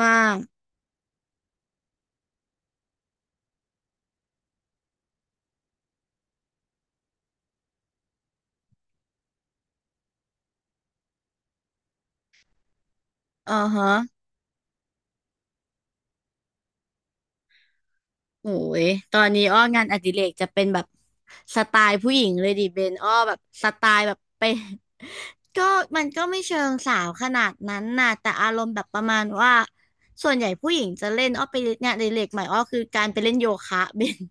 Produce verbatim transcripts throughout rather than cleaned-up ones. ว่างอ๋อฮะโอ้ย ตอนนี้อ้องานอดิเรกจะเป็นแบบสไตล์ผู้หญิงเลยดิเบนอ้อแบบสไตล์แบบไป ก็มันก็ไม่เชิงสาวขนาดนั้นน่ะแต่อารมณ์แบบประมาณว่า ส่วนใหญ่ผู้หญิงจะเล่นอ้อไปงานอดิเรกใหม่อ้อคือการไปเล่นโยคะ เบน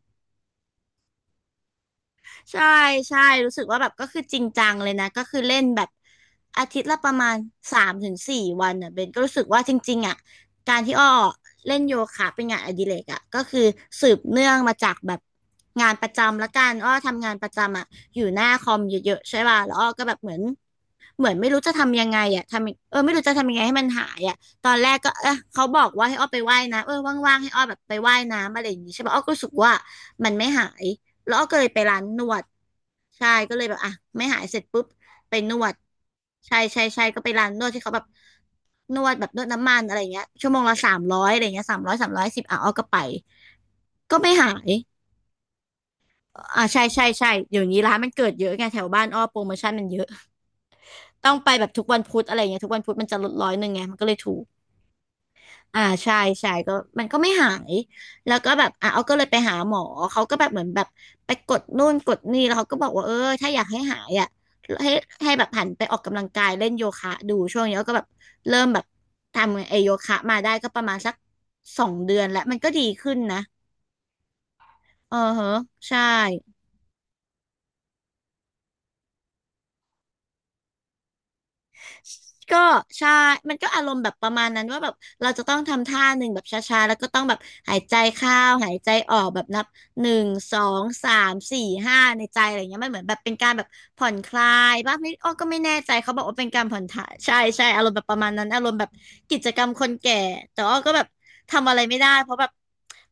ใช่ใช่รู้สึกว่าแบบก็คือจริงจังเลยนะก็คือเล่นแบบอาทิตย์ละประมาณสามถึงสี่วันอ่ะเบนก็รู้สึกว่าจริงๆอ่ะการที่อ้อเล่นโยคะเป็นงานอดิเรกอ่ะก็คือสืบเนื่องมาจากแบบงานประจำละกันอ้อทำงานประจำอ่ะอยู่หน้าคอมเยอะๆใช่ป่ะแล้วอ้อก็แบบเหมือน เหมือนไม่รู้จะทำยังไงอ่ะทำเออไม่รู้จะทำยังไงให้มันหายอ่ะตอนแรกก็เออเขาบอกว่าให้อ้อไปว่ายน้ำเออว่างๆให้อ้อแบบไปว่ายน้ำอะไรอย่างงี้ใช่ปะอ้อก็รู้สึกว่ามันไม่หายแล้วอ้อก็เลยไปร้านนวดใช่ก็เลยแบบอ่ะไม่หายเสร็จปุ๊บไปนวดใช่ใช่ใช่ก็ไปร้านนวดที่เขาแบบนวดแบบนวดน้ำมันอะไรอย่างเงี้ยชั่วโมงละสามร้อยอะไรเงี้ยสามร้อยสามร้อยสิบอ่ะอ้อก็ไปก็ไม่หายอ่าใช่ใช่ใช่เดี๋ยวนี้ร้านมันเกิดเยอะไงแถวบ้านอ้อโปรโมชั่นมันเยอะ ต้องไปแบบทุกวันพุธอะไรอย่างเงี้ยทุกวันพุธมันจะลดร้อยหนึ่งไงมันก็เลยถูกอ่าใช่ใช่ก็มันก็ไม่หายแล้วก็แบบอ่ะเอาก็เลยไปหาหมอเขาก็แบบเหมือนแบบไปกดนู่นกดนี่แล้วเขาก็บอกว่าเออถ้าอยากให้หายอ่ะให้ให้แบบหันไปออกกำลังกายเล่นโยคะดูช่วงนี้ก็แบบเริ่มแบบทำไอโยคะมาได้ก็ประมาณสักสองเดือนแล้วมันก็ดีขึ้นนะเออเหอะใช่ ก็ใช่มันก็อารมณ์แบบประมาณนั้นว่าแบบเราจะต้องทำท่าหนึ่งแบบช้าๆแล้วก็ต้องแบบหายใจเข้าหายใจออกแบบนับหนึ่ง สอง สาม สี่ ห้าในใจอะไรเงี้ยมันเหมือนแบบเป็นการแบบผ่อนคลายบ้างไม่อ้อก็ไม่แน่ใจเขาบอกว่าเป็นการผ่อนถ่ายใช่ใช่อารมณ์แบบประมาณนั้นอารมณ์แบบกิจกรรมคนแก่แต่อ้อก็แบบทำอะไรไม่ได้เพราะแบบ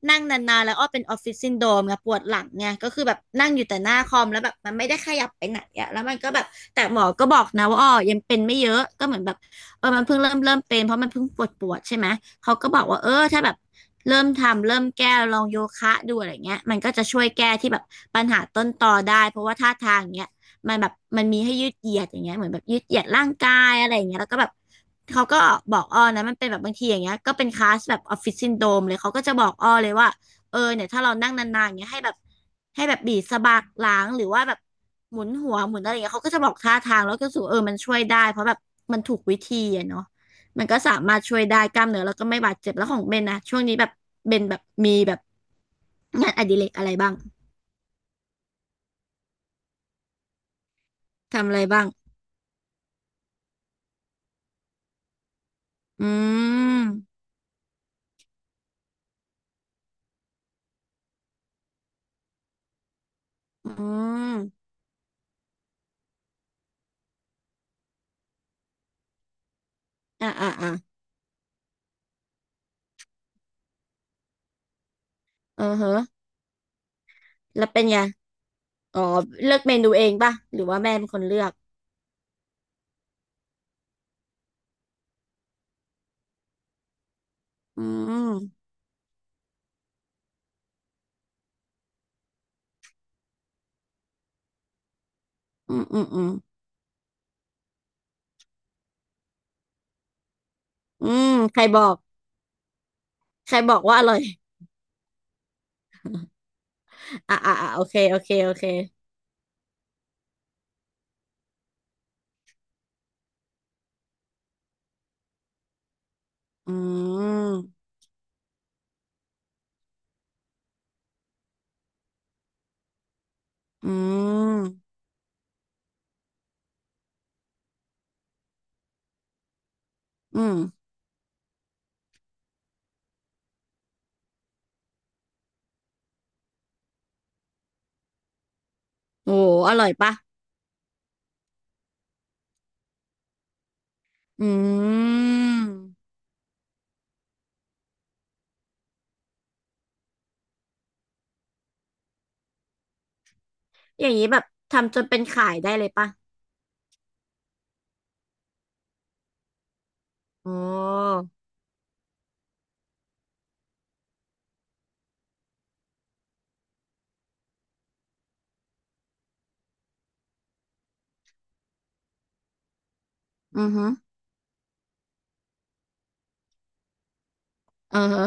นั่งนานๆแล้วอ้อเป็นออฟฟิศซินโดรมไงปวดหลังไงก็คือแบบนั่งอยู่แต่หน้าคอมแล้วแบบมันไม่ได้ขยับไปไหนอะแล้วมันก็แบบแต่หมอก็บอกนะว่าอ้อยังเป็นไม่เยอะก็เหมือนแบบเออมันเพิ่งเริ่มเริ่มเป็นเพราะมันเพิ่งปวดปวดใช่ไหมเขาก็บอกว่าเออถ้าแบบเริ่มทำเริ่มแก้ลองโยคะดูอะไรเงี้ยมันก็จะช่วยแก้ที่แบบปัญหาต้นตอได้เพราะว่าท่าทางเนี้ย มันแบบมันมีให้ยืดเหยียดอย่างเงี้ยเหมือนแบบยืดเหยียดร่างกายอะไรอย่างเงี้ยแล้วก็แบบเขาก็บอกอ้อนะมันเป็นแบบบางทีอย่างเงี้ยก็เป็นคลาสแบบออฟฟิศซินโดรมเลยเขาก็จะบอกอ้อเลยว่าเออเนี่ยถ้าเรานั่งนานๆอย่างเงี้ยให้แบบให้แบบบีบสะบักหลังหรือว่าแบบหมุนหัวหมุนอะไรอย่างเงี้ยเขาก็จะบอกท่าทางแล้วก็รู้สูเออมันช่วยได้เพราะแบบมันถูกวิธีอะเนาะมันก็สามารถช่วยได้กล้ามเนื้อแล้วก็ไม่บาดเจ็บแล้วของเบนนะช่วงนี้แบบเบนแบบมีแบบงานอดิเรกอะไรบ้างทำอะไรบ้างอืม อืมอ่ะอ่ะอ่ะเออฮะแล้วเป็นไงอ๋อเลือกเมนูเองป่ะหรือว่าแม่เป็นคนเลือกอืมอืมอืมอืมอืมใครบอกใครบอกว่าอร่อย อ่ะอ่ะอ่ะโอเคโอเคโอเคอืมอืมอืมโอ้อร่อยป่ะอืมอย่างนี้แบบทำจนเป็นขายได้เลยป่ะอ๋ออือฮึเออฮะ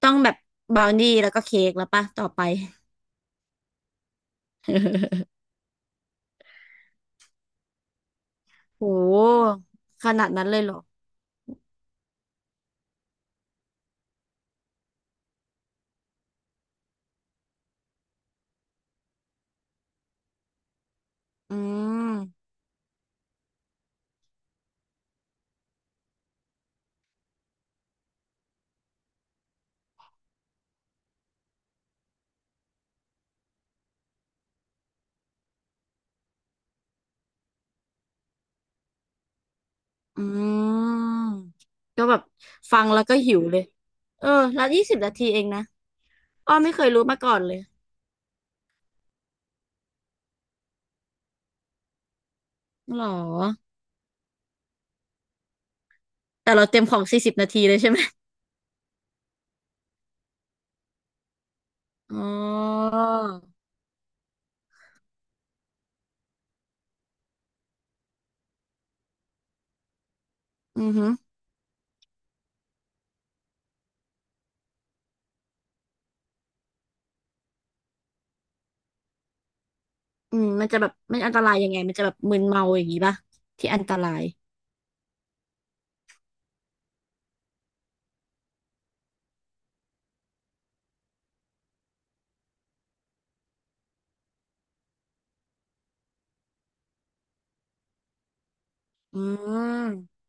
ต้องแบบบราวนี่แล้วก็เค้กแล้วป่ะต่อไป โหขนาดนั้นเลยเหรอ อืมอืมก็แบบฟังแล้วก็หิวเลยเออแล้วยี่สิบนาทีเองนะอ้อไม่เคยรู้มาก่อนเลยหรอแต่เราเต็มของสี่สิบนาทีเลยใช่ไหมอ๋ออือหืออืมมันจะแบบมันอันตรายยังไงมันจะแบบมึนเมาอย่างนี้ป่ะที่อันตรายอืม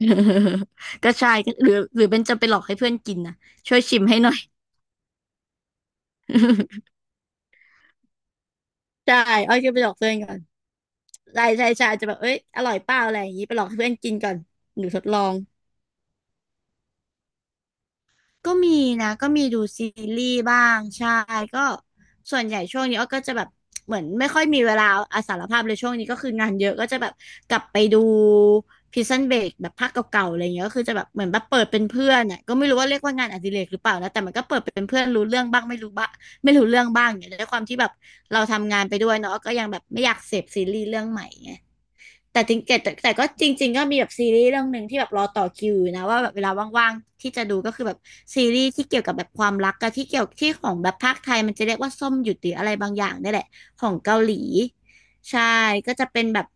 ก็ใช่ก็หรือหรือเป็นจะไปหลอกให้เพื่อนกินนะช่วยชิมให้หน่อย ใช่อ้อยก็ไปหลอกเพื่อนก่อนใช่ใช่ใช่อาจจะแบบเอ้ยอร่อยเปล่าอะไรอย่างนี้ไปหลอกให้เพื่อนกินก่อนหรือทดลอง ก็มีนะก็มีดูซีรีส์บ้างใช่ก็ส่วนใหญ่ช่วงนี้อ้อก็จะแบบเหมือนไม่ค่อยมีเวลาอาสารภาพเลยช่วงนี้ก็คืองานเยอะก็จะแบบกลับไปดู Prison Break แบบภาคเก่าๆอะไรเงี้ยก็คือจะแบบเหมือนแบบเปิดเป็นเพื่อนอ่ะก็ไม่รู้ว่าเรียกว่างานอดิเรกหรือเปล่านะแต่มันก็เปิดเป็นเพื่อนรู้เรื่องบ้างไม่รู้บ้างไม่รู้เรื่องบ้างเนี่ยด้วยความที่แบบเราทำงานไปด้วยเนาะก็ยังแบบไม่อยากเสพซีรีส์เรื่องใหม่ไง แต่จริงแต่แต่ก็จริงๆก็มีแบบซีรีส์เรื่องหนึ่งที่แบบรอต่อคิวอยู่นะว่าแบบเวลาว่างๆที่จะดูก็คือแบบซีรีส์ที่เกี่ยวกับแบบความรักกับที่เกี่ยวที่ของแบบภาคไทยมันจะเรียกว่าส้มหยุดหรืออะไรบางอย่างนี่แหละของเกาหลีใช่ก็จะเป็นแบบ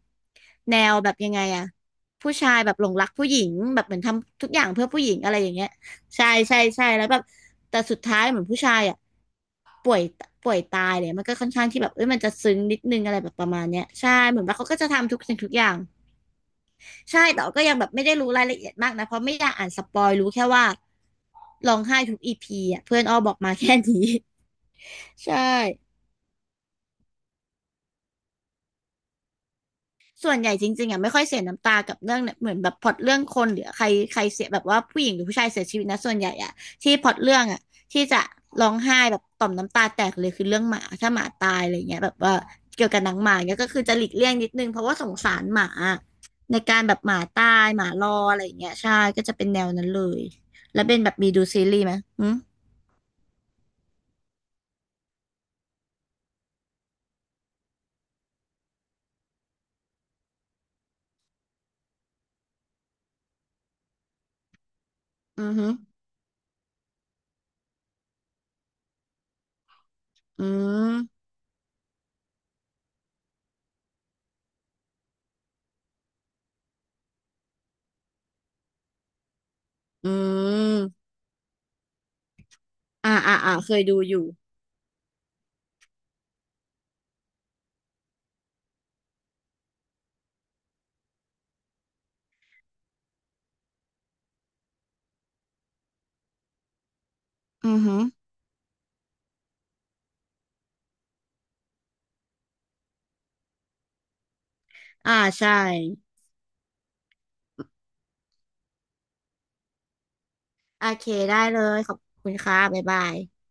แนวแบบยังไงอะผู้ชายแบบหลงรักผู้หญิงแบบเหมือนทำทุกอย่างเพื่อผู้หญิงอะไรอย่างเงี้ยใช่ใช่ใช่แล้วแบบแต่สุดท้ายเหมือนผู้ชายอะป่วยป่วยตายเลยมันก็ค่อนข้างที่แบบเอ้ยมันจะซึ้งนิดนึงอะไรแบบประมาณเนี้ยใช่เหมือนว่าเขาก็จะทำทุกสิ่งทุกอย่าง ใช่แต่ว่าก็ยังแบบไม่ได้รู้รายละเอียดมากนะเพราะไม่อยากอ่านสปอยรู้แค่ว่าร้องไห้ทุกอี พีอ่ะเพื่อนอ้อบอกมาแค่นี้ ใช่ ส่วนใหญ่จริงๆอ่ะไม่ค่อยเสียน้ำตากับเรื่องเนี่ยเหมือนแบบพล็อตเรื่องคนหรือใครใครเสียแบบว่าผู้หญิงหรือผู้ชายเสียชีวิตนะส่วนใหญ่อ่ะที่พล็อตเรื่องอ่ะที่จะร้องไห้แบบต่อมน้ำตาแตกเลยคือเรื่องหมาถ้าหมาตายอะไรเงี้ยแบบว่าเกี่ยวกับหนังหมาเนี่ยก็คือจะหลีกเลี่ยงนิดนึงเพราะว่าสงสารหมาในการแบบหมาตายหมารออะไรอย่างเงี้ยใช่ก็จะเป็นแนวนั้นเลยแล้วเป็นแบบมีดูซีรีส์ไหมอืมอือหืออืมอืมอ่าอ่าอ่าเคยดูอยู่อือหืออ่าใช่ โอเคได้เลยขอบคุณค่ะบ๊ายบาย